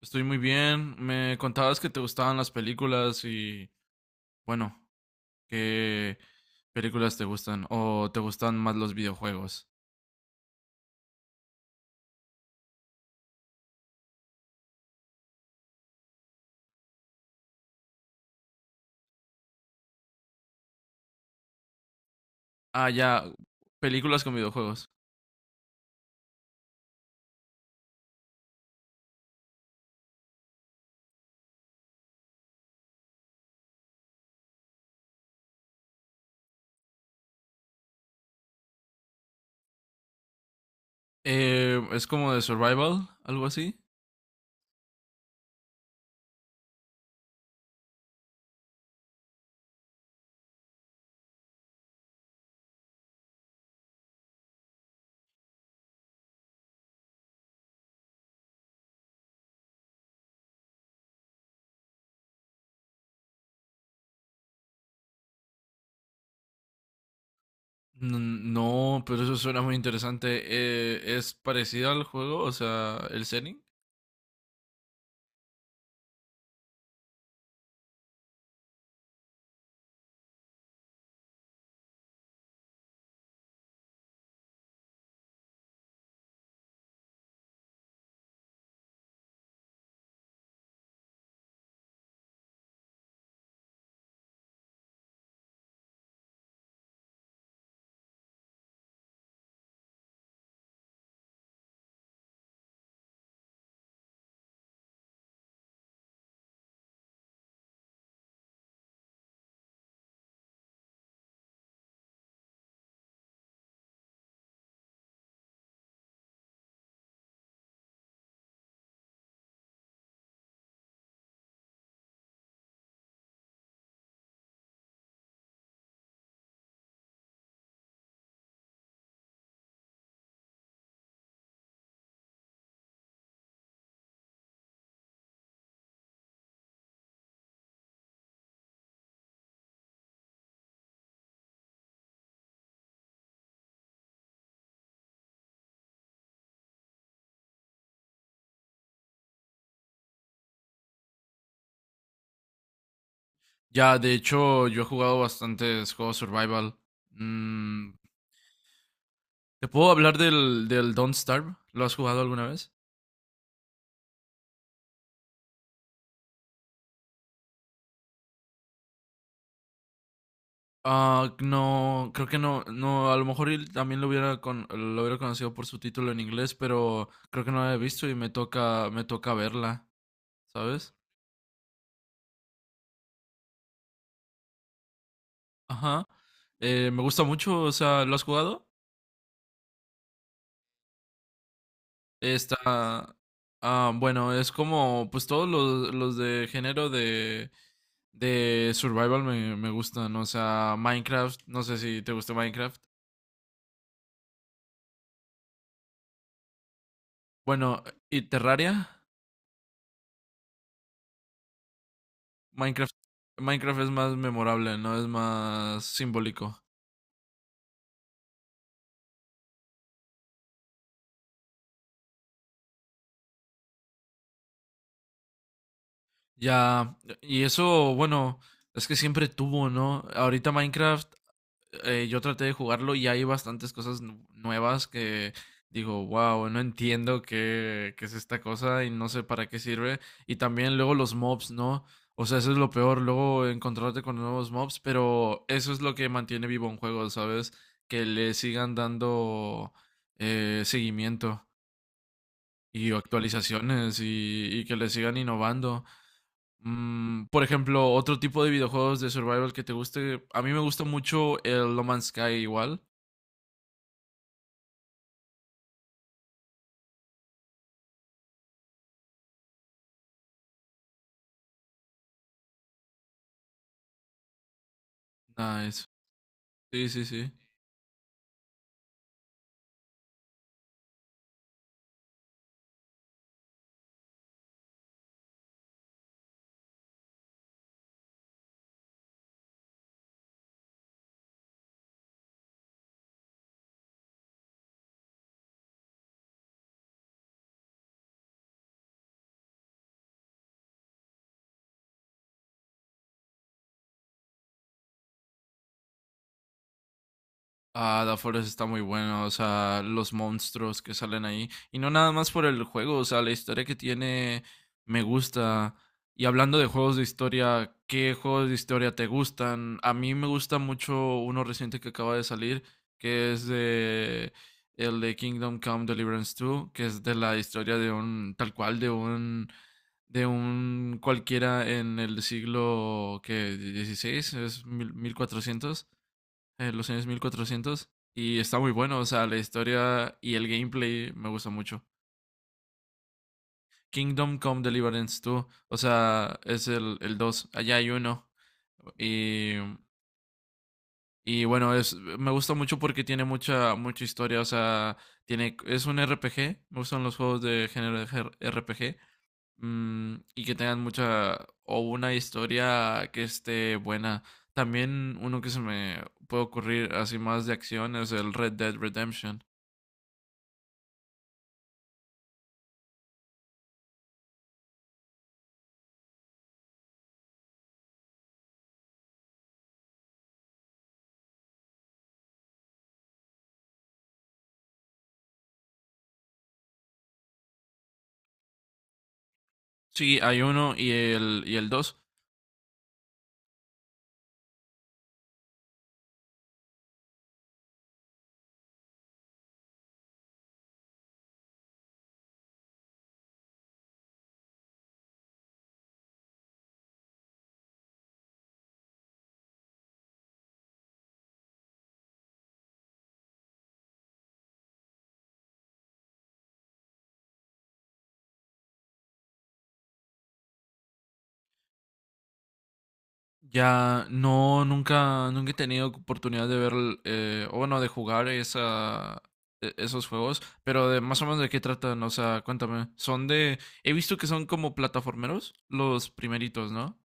Estoy muy bien. Me contabas que te gustaban las películas y, bueno, ¿qué películas te gustan? ¿O te gustan más los videojuegos? Ah, ya, películas con videojuegos. Es como de survival, algo así. No, pero eso suena muy interesante. ¿Es parecido al juego? O sea, el setting. Ya, de hecho, yo he jugado bastantes juegos survival. Mm, ¿te puedo hablar del Don't Starve? ¿Lo has jugado alguna vez? Ah, no, creo que no, no, a lo mejor él también lo hubiera lo hubiera conocido por su título en inglés, pero creo que no la he visto y me toca verla, ¿sabes? Ajá. Me gusta mucho, o sea, ¿lo has jugado? Está, bueno, es como, pues todos los de género de survival me gustan, o sea, Minecraft, no sé si te gusta Minecraft. Bueno, ¿y Terraria? Minecraft, Minecraft es más memorable, ¿no? Es más simbólico. Ya, y eso, bueno, es que siempre tuvo, ¿no? Ahorita Minecraft, yo traté de jugarlo y hay bastantes cosas nuevas que digo, wow, no entiendo qué es esta cosa y no sé para qué sirve. Y también luego los mobs, ¿no? O sea, eso es lo peor, luego encontrarte con nuevos mobs, pero eso es lo que mantiene vivo un juego, ¿sabes? Que le sigan dando seguimiento y actualizaciones y que le sigan innovando. Mm, por ejemplo, otro tipo de videojuegos de survival que te guste. A mí me gusta mucho el No Man's Sky igual. Nice. Sí, sí, sí. Ah, The Forest está muy bueno, o sea, los monstruos que salen ahí. Y no nada más por el juego, o sea, la historia que tiene me gusta. Y hablando de juegos de historia, ¿qué juegos de historia te gustan? A mí me gusta mucho uno reciente que acaba de salir, que es de Kingdom Come Deliverance 2, que es de la historia de un cualquiera en el siglo que 16, es 1400, los años 1400. Y está muy bueno, o sea, la historia y el gameplay me gusta mucho. Kingdom Come Deliverance 2, o sea, es el dos, allá hay uno. Y, y bueno, es, me gusta mucho porque tiene mucha historia, o sea, tiene, es un RPG, me gustan los juegos de género de RPG, mmm, y que tengan mucha, o una historia que esté buena. También uno que se me puede ocurrir así más de acción es el Red Dead Redemption. Sí, hay uno y y el dos. Ya no, nunca he tenido oportunidad de ver, o bueno, de jugar esa, esos juegos, pero de más o menos de qué tratan, o sea, cuéntame. Son de, he visto que son como plataformeros, los primeritos, ¿no?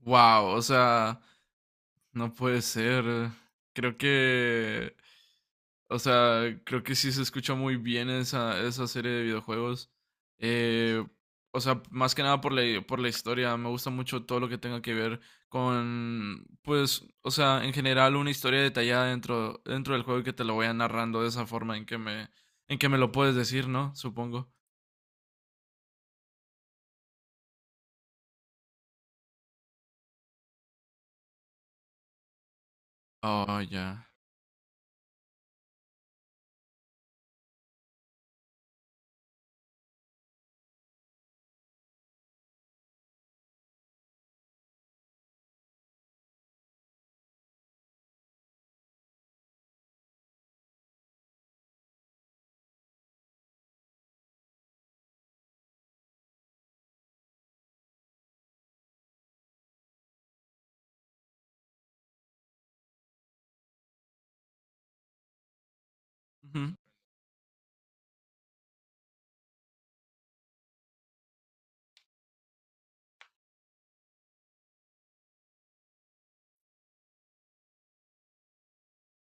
Wow, o sea, no puede ser. Creo que, o sea, creo que sí se escucha muy bien esa serie de videojuegos. Eh, o sea, más que nada por por la historia. Me gusta mucho todo lo que tenga que ver con, pues, o sea, en general una historia detallada dentro del juego y que te lo vaya narrando de esa forma en que me lo puedes decir, ¿no? Supongo. Oh, ya.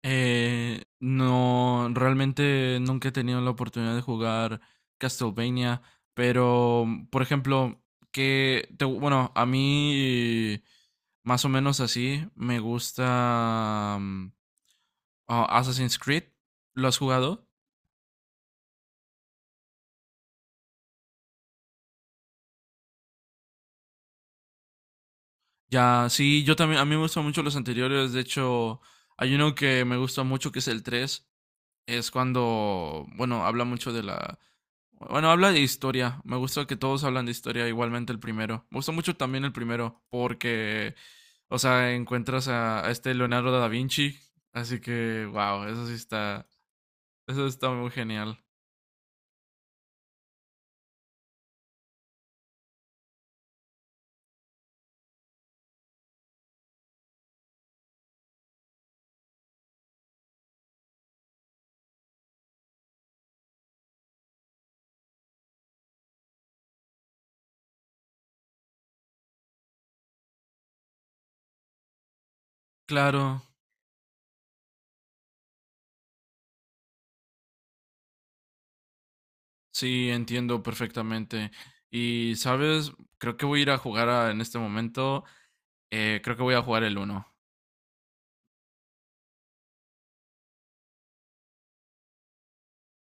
No, realmente nunca he tenido la oportunidad de jugar Castlevania, pero, mm, por ejemplo, bueno, a mí más o menos así me gusta Assassin's Creed. ¿Lo has jugado? Ya, sí, yo también, a mí me gustan mucho los anteriores, de hecho, hay uno que me gusta mucho que es el tres, es cuando, bueno, habla mucho de la, bueno, habla de historia. Me gusta que todos hablan de historia, igualmente el primero. Me gustó mucho también el primero, porque, o sea, encuentras a este Leonardo da Vinci. Así que, wow, eso sí está, eso está muy genial. Claro, sí, entiendo perfectamente. Y, ¿sabes? Creo que voy a ir a jugar en este momento. Creo que voy a jugar el uno.